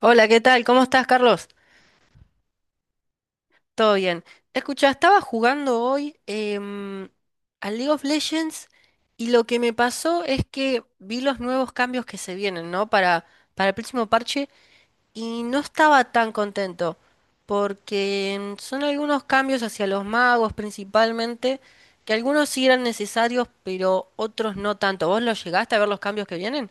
Hola, ¿qué tal? ¿Cómo estás, Carlos? Todo bien. Escucha, estaba jugando hoy al League of Legends y lo que me pasó es que vi los nuevos cambios que se vienen, ¿no? Para el próximo parche y no estaba tan contento porque son algunos cambios hacia los magos principalmente, que algunos sí eran necesarios, pero otros no tanto. ¿Vos los llegaste a ver los cambios que vienen?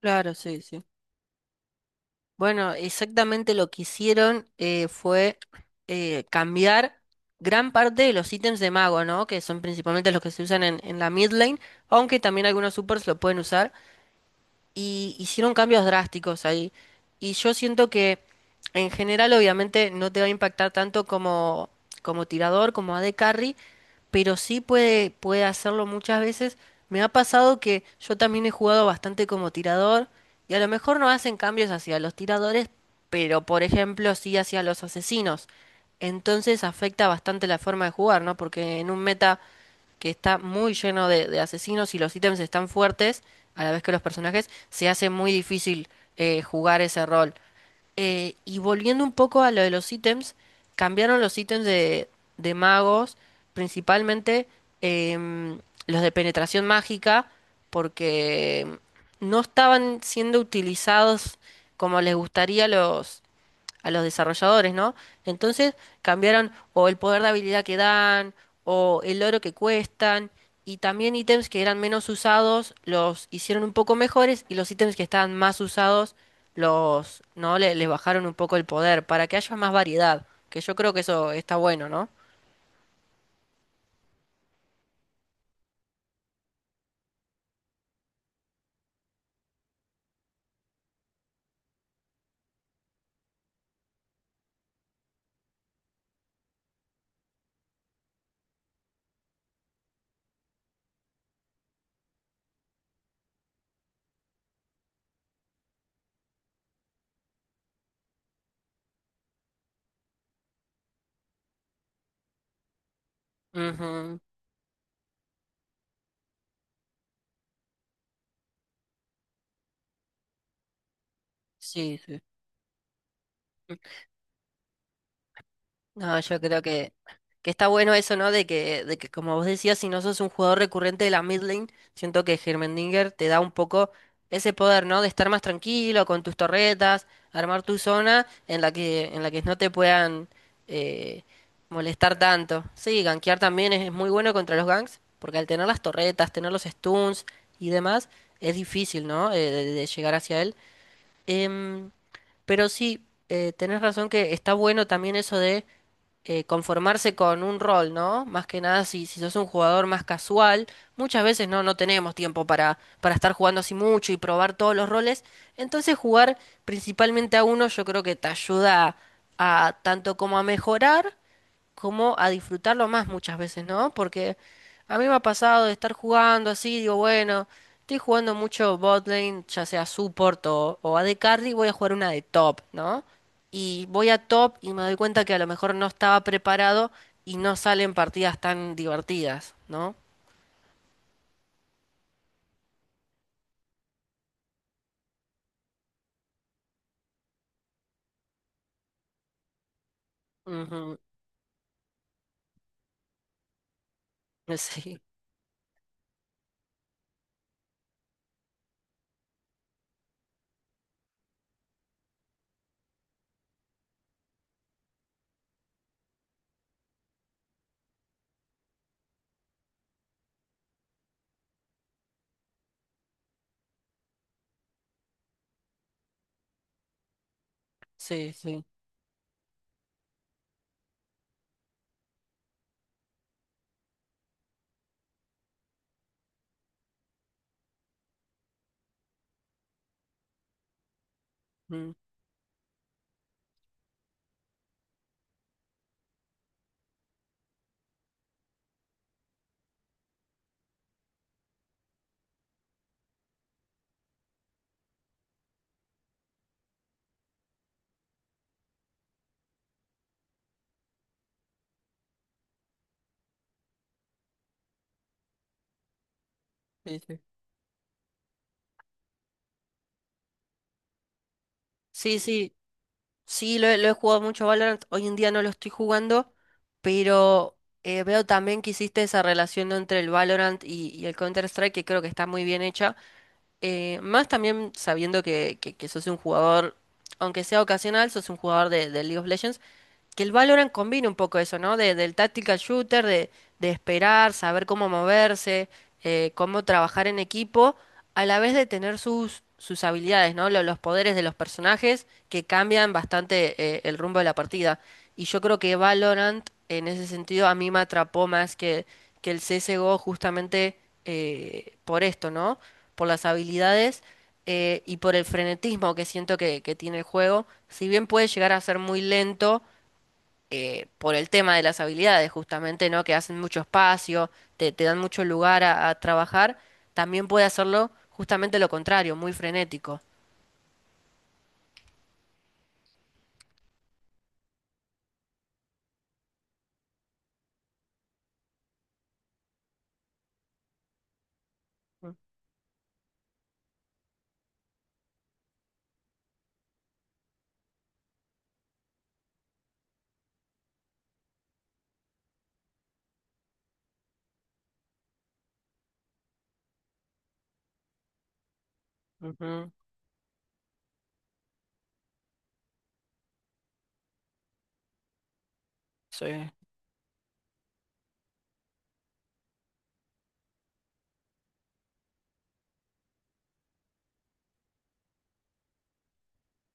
Claro, sí, sí. Bueno, exactamente lo que hicieron fue cambiar gran parte de los ítems de mago, ¿no? Que son principalmente los que se usan en la mid lane, aunque también algunos supers lo pueden usar y hicieron cambios drásticos ahí. Y yo siento que en general obviamente no te va a impactar tanto como tirador, como AD Carry, pero sí puede hacerlo muchas veces. Me ha pasado que yo también he jugado bastante como tirador y a lo mejor no hacen cambios hacia los tiradores, pero por ejemplo sí hacia los asesinos. Entonces afecta bastante la forma de jugar, ¿no? Porque en un meta que está muy lleno de asesinos y los ítems están fuertes, a la vez que los personajes, se hace muy difícil jugar ese rol. Y volviendo un poco a lo de los ítems, cambiaron los ítems de magos, principalmente em, los de penetración mágica, porque no estaban siendo utilizados como les gustaría a los desarrolladores, ¿no? Entonces cambiaron o el poder de habilidad que dan, o el oro que cuestan, y también ítems que eran menos usados los hicieron un poco mejores, y los ítems que estaban más usados ¿no? Les bajaron un poco el poder, para que haya más variedad, que yo creo que eso está bueno, ¿no? Ujú, sí, sí. No, yo creo que está bueno eso, ¿no? De que, como vos decías, si no sos un jugador recurrente de la mid lane, siento que Hermendinger te da un poco ese poder, ¿no? De estar más tranquilo con tus torretas, armar tu zona en la en la que no te puedan eh, molestar tanto. Sí, gankear también es muy bueno contra los ganks, porque al tener las torretas, tener los stuns y demás, es difícil, ¿no? De llegar hacia él. Em, pero sí, tenés razón que está bueno también eso de conformarse con un rol, ¿no? Más que nada si sos un jugador más casual, muchas veces no tenemos tiempo para estar jugando así mucho y probar todos los roles. Entonces jugar principalmente a uno yo creo que te ayuda a tanto como a mejorar como a disfrutarlo más muchas veces, ¿no? Porque a mí me ha pasado de estar jugando así, digo, bueno, estoy jugando mucho botlane, ya sea support o AD carry, voy a jugar una de top, ¿no? Y voy a top y me doy cuenta que a lo mejor no estaba preparado y no salen partidas tan divertidas, ¿no? Ujú. Sí, sí, sí. Mm, sí, sí. Sí, sí. Sí, lo he jugado mucho Valorant, hoy en día no lo estoy jugando, pero veo también que hiciste esa relación entre el Valorant y el Counter-Strike que creo que está muy bien hecha. Más también sabiendo que sos un jugador, aunque sea ocasional, sos un jugador de League of Legends, que el Valorant combina un poco eso, ¿no? Del tactical shooter, de esperar, saber cómo moverse, cómo trabajar en equipo, a la vez de tener sus habilidades, ¿no? Poderes de los personajes que cambian bastante el rumbo de la partida. Y yo creo que Valorant, en ese sentido, a mí me atrapó más que el CSGO justamente por esto, ¿no? Por las habilidades y por el frenetismo que siento que tiene el juego. Si bien puede llegar a ser muy lento por el tema de las habilidades, justamente, ¿no? Que hacen mucho espacio, te dan mucho lugar a trabajar, también puede hacerlo justamente lo contrario, muy frenético. Mm, ujú, sí.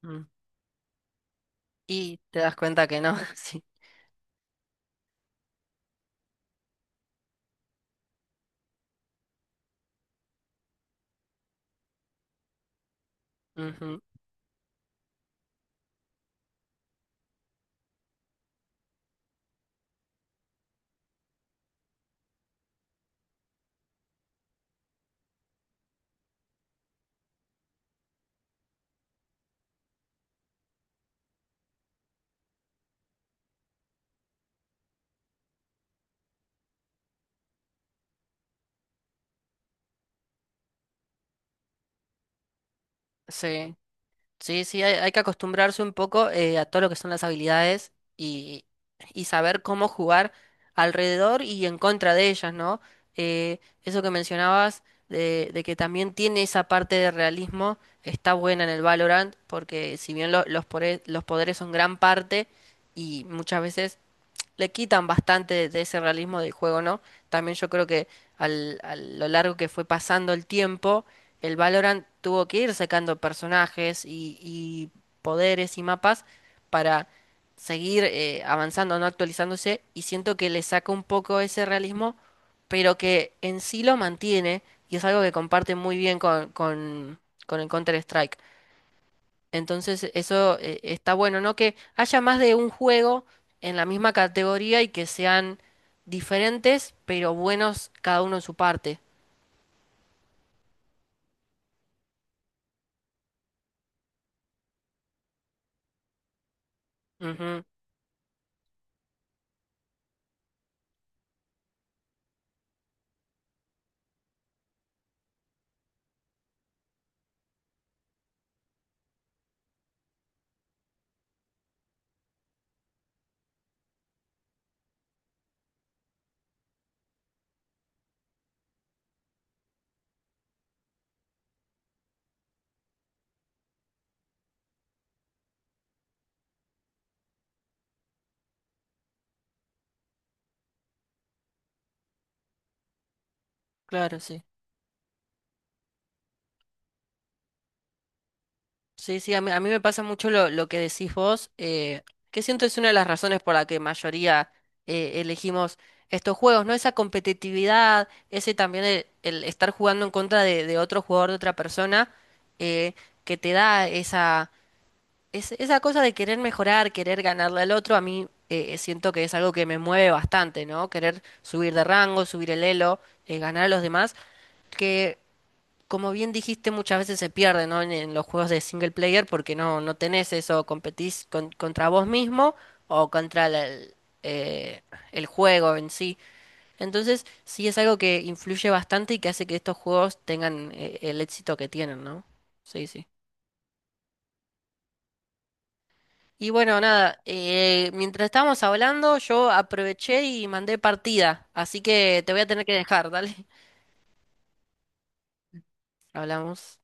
Mm. Y te das cuenta que no, sí. Ujú, sí. Sí, sí, hay que acostumbrarse un poco a todo lo que son las habilidades y, y saber cómo jugar alrededor y en contra de ellas, ¿no? Eso que mencionabas de que también tiene esa parte de realismo, está buena en el Valorant, porque si bien los poderes son gran parte y muchas veces le quitan bastante de ese realismo del juego, ¿no? También yo creo que a lo largo que fue pasando el tiempo, el Valorant tuvo que ir sacando personajes y poderes y mapas para seguir avanzando, no actualizándose, y siento que le saca un poco ese realismo, pero que en sí lo mantiene, y es algo que comparte muy bien con el Counter-Strike. Entonces eso está bueno, ¿no? Que haya más de un juego en la misma categoría y que sean diferentes, pero buenos cada uno en su parte. Ujú, claro, sí. Sí, sí, a mí me pasa mucho lo que decís vos, que siento es una de las razones por la que mayoría elegimos estos juegos, ¿no? Esa competitividad, ese también el estar jugando en contra de otro jugador, de otra persona, eh, que te da esa esa cosa de querer mejorar, querer ganarle al otro, a mí siento que es algo que me mueve bastante, ¿no? Querer subir de rango, subir el elo, ganar a los demás, que como bien dijiste muchas veces se pierde, ¿no? En los juegos de single player porque no tenés eso, competís contra vos mismo o contra eh, el juego en sí. Entonces sí es algo que influye bastante y que hace que estos juegos tengan el éxito que tienen, ¿no? Sí, sí. Y bueno, nada, mientras estábamos hablando, yo aproveché y mandé partida, así que te voy a tener que dejar, dale. Hablamos.